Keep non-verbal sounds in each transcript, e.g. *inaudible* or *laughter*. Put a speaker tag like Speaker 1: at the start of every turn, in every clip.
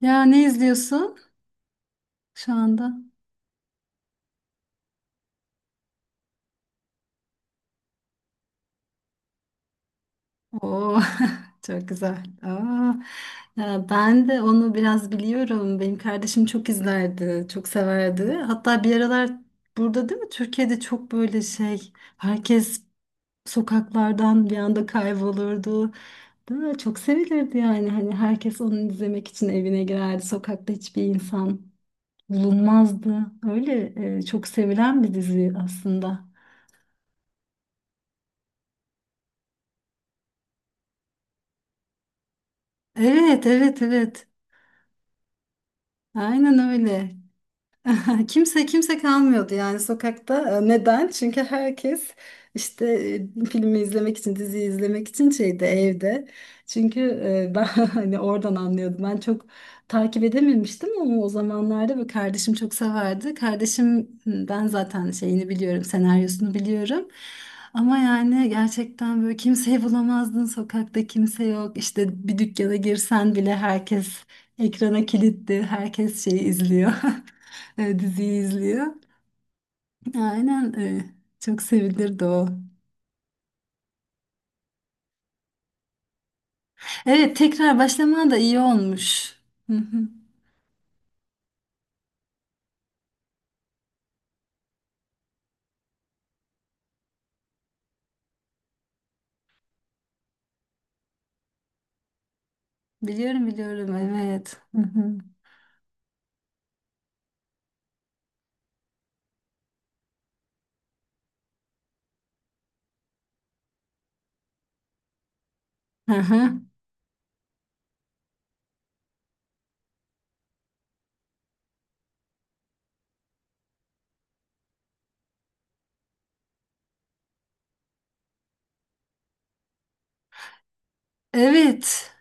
Speaker 1: Ya ne izliyorsun şu anda? Oo, *laughs* çok güzel. Aa, ya ben de onu biraz biliyorum. Benim kardeşim çok izlerdi, çok severdi. Hatta bir aralar burada değil mi? Türkiye'de çok böyle şey, herkes sokaklardan bir anda kaybolurdu. Değil mi? Çok sevilirdi yani. Hani herkes onu izlemek için evine girerdi. Sokakta hiçbir insan bulunmazdı. Öyle çok sevilen bir dizi aslında. Evet, evet, evet. Aynen öyle. *laughs* Kimse kalmıyordu yani sokakta. E, neden? Çünkü herkes işte filmi izlemek için, diziyi izlemek için şeyde evde. Çünkü ben *laughs* hani oradan anlıyordum. Ben çok takip edememiştim ama o zamanlarda böyle kardeşim çok severdi. Kardeşim ben zaten şeyini biliyorum, senaryosunu biliyorum. Ama yani gerçekten böyle kimseyi bulamazdın sokakta, kimse yok. İşte bir dükkana girsen bile herkes ekrana kilitli, herkes şeyi izliyor. *laughs* E, diziyi izliyor. Aynen, çok sevilirdi o. Evet, tekrar başlaman da iyi olmuş. Hı hı. Biliyorum biliyorum, evet. Hı hı. Hı hı. Evet.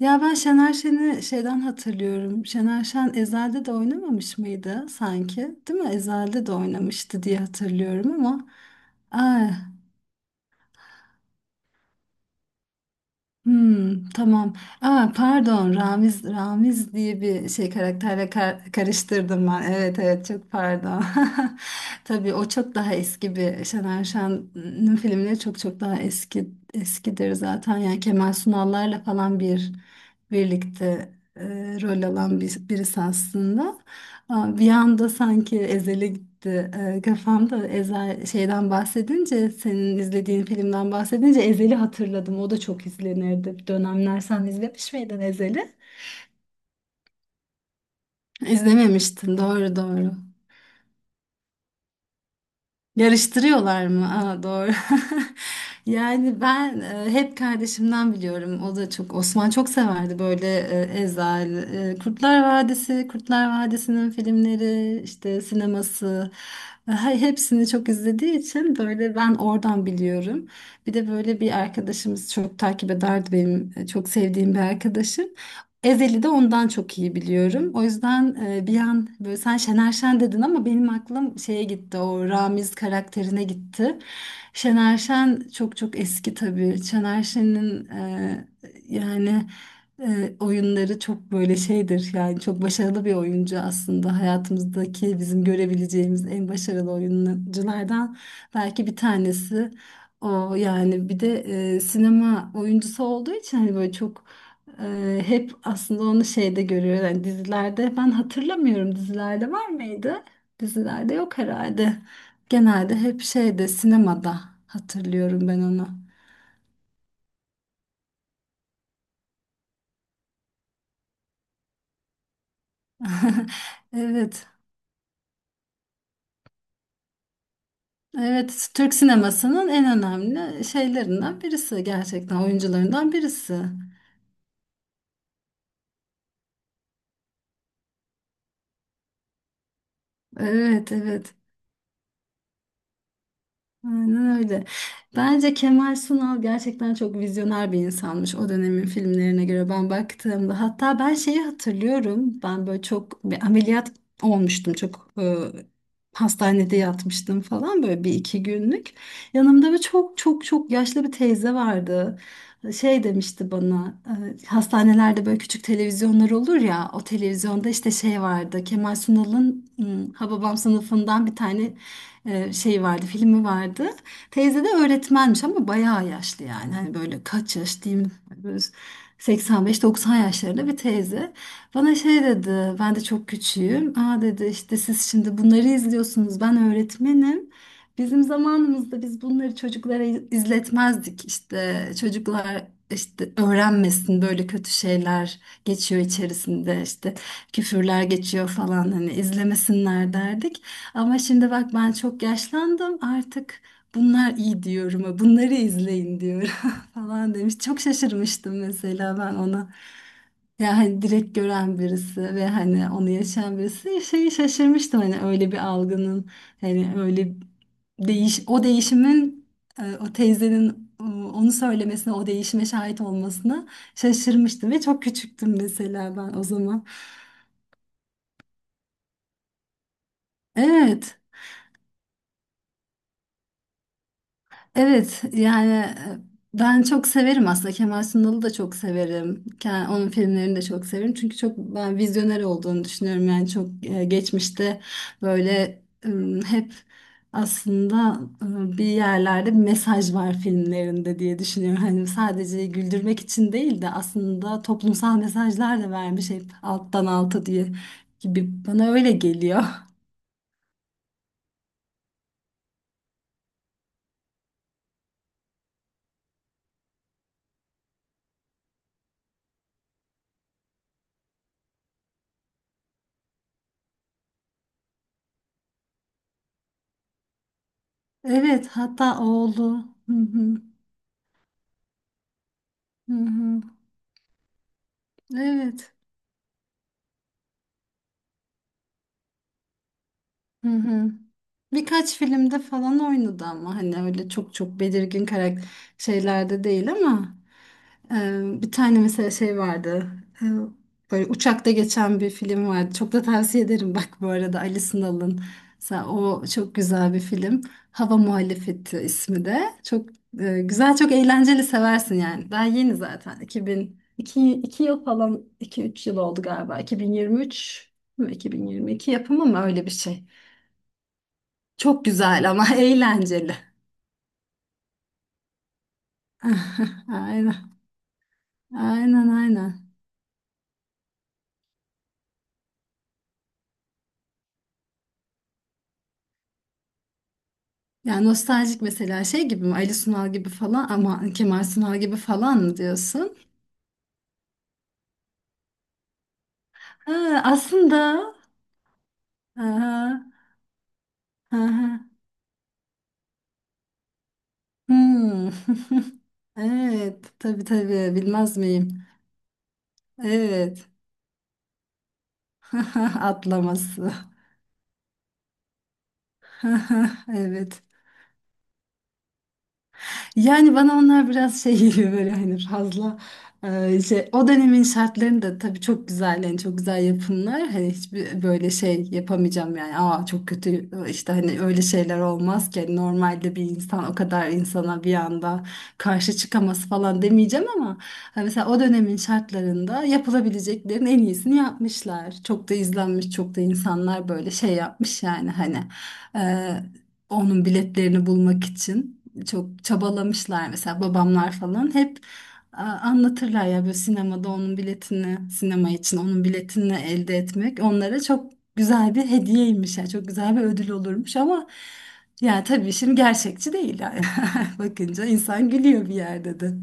Speaker 1: Ya ben Şener Şen'i şeyden hatırlıyorum. Şener Şen Ezel'de de oynamamış mıydı sanki? Değil mi? Ezel'de de oynamıştı diye hatırlıyorum ama. Ay. Hmm, tamam. Aa, pardon, Ramiz diye bir şey, karakterle karıştırdım ben. Evet evet, çok pardon. *laughs* Tabii o çok daha eski, bir Şener Şen'in filmleri çok çok daha eskidir zaten. Yani Kemal Sunal'larla falan birlikte rol alan birisi aslında. Ha, bir anda sanki Ezel'e gitti. Kafamda Ezel şeyden bahsedince, senin izlediğin filmden bahsedince Ezel'i hatırladım. O da çok izlenirdi bir dönemler. Sen izlemiş miydin Ezel'i? İzlememiştin, doğru doğru. Yarıştırıyorlar mı? Aa, doğru. *laughs* Yani ben hep kardeşimden biliyorum. O da çok, Osman çok severdi böyle, Ezel, Kurtlar Vadisi, Kurtlar Vadisi'nin filmleri, işte sineması. Hepsini çok izlediği için böyle ben oradan biliyorum. Bir de böyle bir arkadaşımız çok takip ederdi, benim çok sevdiğim bir arkadaşım. Ezeli de ondan çok iyi biliyorum. O yüzden bir an böyle, sen Şener Şen dedin ama benim aklım şeye gitti. O Ramiz karakterine gitti. Şener Şen çok çok eski tabii. Şener Şen'in, yani oyunları çok böyle şeydir. Yani çok başarılı bir oyuncu aslında. Hayatımızdaki bizim görebileceğimiz en başarılı oyunculardan belki bir tanesi. O yani bir de sinema oyuncusu olduğu için hani böyle çok, hep aslında onu şeyde görüyor. Yani dizilerde ben hatırlamıyorum, dizilerde var mıydı? Dizilerde yok herhalde. Genelde hep şeyde, sinemada hatırlıyorum ben onu. *laughs* Evet. Evet, Türk sinemasının en önemli şeylerinden birisi, gerçekten oyuncularından birisi. Evet, evet. Aynen öyle. Bence Kemal Sunal gerçekten çok vizyoner bir insanmış, o dönemin filmlerine göre ben baktığımda. Hatta ben şeyi hatırlıyorum. Ben böyle çok, bir ameliyat olmuştum. Çok hastanede yatmıştım falan, böyle bir iki günlük. Yanımda bir çok çok çok yaşlı bir teyze vardı. Şey demişti bana, hastanelerde böyle küçük televizyonlar olur ya, o televizyonda işte şey vardı, Kemal Sunal'ın Hababam Sınıfı'ndan bir tane şey vardı, filmi vardı. Teyze de öğretmenmiş ama bayağı yaşlı yani. Hani böyle kaç yaş diyeyim, böyle 85-90 yaşlarında bir teyze. Bana şey dedi, ben de çok küçüğüm. Aa dedi, işte siz şimdi bunları izliyorsunuz, ben öğretmenim. Bizim zamanımızda biz bunları çocuklara izletmezdik, işte çocuklar işte öğrenmesin böyle kötü şeyler geçiyor içerisinde, işte küfürler geçiyor falan, hani izlemesinler derdik. Ama şimdi bak, ben çok yaşlandım artık, bunlar iyi diyorum. Bunları izleyin diyorum *laughs* falan demiş. Çok şaşırmıştım mesela ben ona. Ya hani direkt gören birisi ve hani onu yaşayan birisi, şeyi şaşırmıştım, hani öyle bir algının, hani öyle o değişimin, o teyzenin, onu söylemesine, o değişime şahit olmasına şaşırmıştım ve çok küçüktüm mesela ben o zaman. Evet. Evet yani, ben çok severim aslında, Kemal Sunal'ı da çok severim. Onun filmlerini de çok severim. Çünkü çok, ben vizyoner olduğunu düşünüyorum. Yani çok, geçmişte böyle, e, hep aslında bir yerlerde bir mesaj var filmlerinde diye düşünüyorum. Hani sadece güldürmek için değil de aslında toplumsal mesajlar da vermiş hep alttan alta diye, gibi bana öyle geliyor. *laughs* Evet, hatta oğlu. Hı hı. Hı hı. Evet. Hı hı. Birkaç filmde falan oynadı ama hani öyle çok çok belirgin karakter şeylerde değil ama, bir tane mesela şey vardı. E, böyle uçakta geçen bir film vardı. Çok da tavsiye ederim bak, bu arada, Ali Sınal'ın. Mesela o çok güzel bir film. Hava Muhalefeti ismi de. Çok güzel, çok eğlenceli, seversin yani. Daha yeni zaten. 2000 2, 2 yıl falan, 2-3 yıl oldu galiba. 2023 mi 2022 yapımı mı, öyle bir şey. Çok güzel ama *laughs* eğlenceli. *laughs* Aynen. Aynen aynen. Yani nostaljik, mesela şey gibi mi? Ali Sunal gibi falan ama, Kemal Sunal gibi falan mı diyorsun? Ha, aslında. Aha, aha. Hmm. *laughs* Evet. Tabii tabii. Bilmez miyim? Evet. *laughs* Atlaması. *laughs* Evet. Yani bana onlar biraz şey geliyor böyle, hani fazla, şey, o dönemin şartlarını da tabii çok güzel, yani çok güzel yapımlar, hani hiçbir böyle şey yapamayacağım yani, aa çok kötü işte hani, öyle şeyler olmaz ki. Hani normalde bir insan o kadar insana bir anda karşı çıkaması falan demeyeceğim ama hani, mesela o dönemin şartlarında yapılabileceklerin en iyisini yapmışlar, çok da izlenmiş, çok da insanlar böyle şey yapmış yani, hani e, onun biletlerini bulmak için çok çabalamışlar. Mesela babamlar falan hep anlatırlar ya, böyle sinemada onun biletini, sinema için onun biletini elde etmek onlara çok güzel bir hediyeymiş, yani çok güzel bir ödül olurmuş, ama yani tabii şimdi gerçekçi değil yani, *laughs* bakınca insan gülüyor bir yerde de.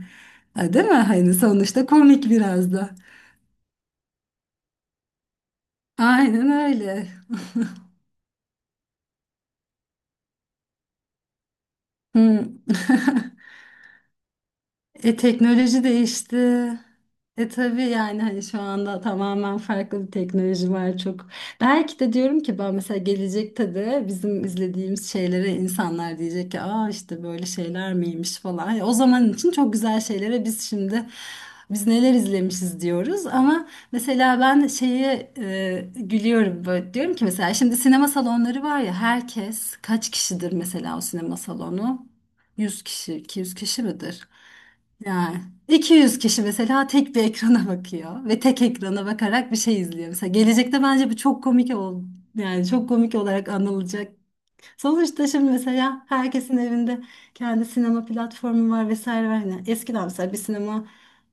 Speaker 1: Ha, değil mi, hani sonuçta komik biraz da, aynen öyle. Hı. *laughs* E teknoloji değişti. E tabii yani, hani şu anda tamamen farklı bir teknoloji var çok. Belki de diyorum ki, ben mesela gelecekte de bizim izlediğimiz şeylere insanlar diyecek ki, aa işte böyle şeyler miymiş falan. Yani o zaman için çok güzel şeylere biz şimdi, biz neler izlemişiz diyoruz, ama mesela ben şeye gülüyorum, böyle diyorum ki mesela, şimdi sinema salonları var ya, herkes kaç kişidir mesela o sinema salonu? 100 kişi, 200 kişi midir? Yani 200 kişi mesela tek bir ekrana *laughs* bakıyor ve tek ekrana bakarak bir şey izliyor. Mesela gelecekte bence bu çok komik yani, çok komik olarak anılacak. Sonuçta şimdi mesela herkesin evinde kendi sinema platformu var, vesaire var. Hani eskiden mesela bir sinema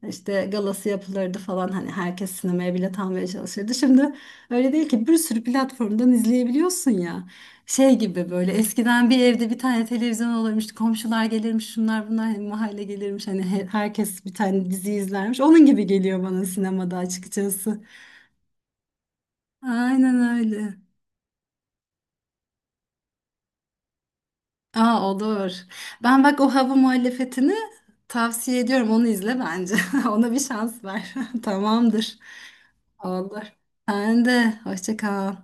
Speaker 1: işte galası yapılırdı falan, hani herkes sinemaya bilet almaya çalışırdı. Şimdi öyle değil ki, bir sürü platformdan izleyebiliyorsun ya. Şey gibi, böyle eskiden bir evde bir tane televizyon olurmuş, komşular gelirmiş, şunlar bunlar, hani mahalle gelirmiş. Hani herkes bir tane dizi izlermiş. Onun gibi geliyor bana sinemada açıkçası. Aynen öyle. Aa, olur. Ben bak o Hava Muhalefeti'ni tavsiye ediyorum. Onu izle bence. *laughs* Ona bir şans ver. *laughs* Tamamdır. Olur. Sen de. Hoşça kal.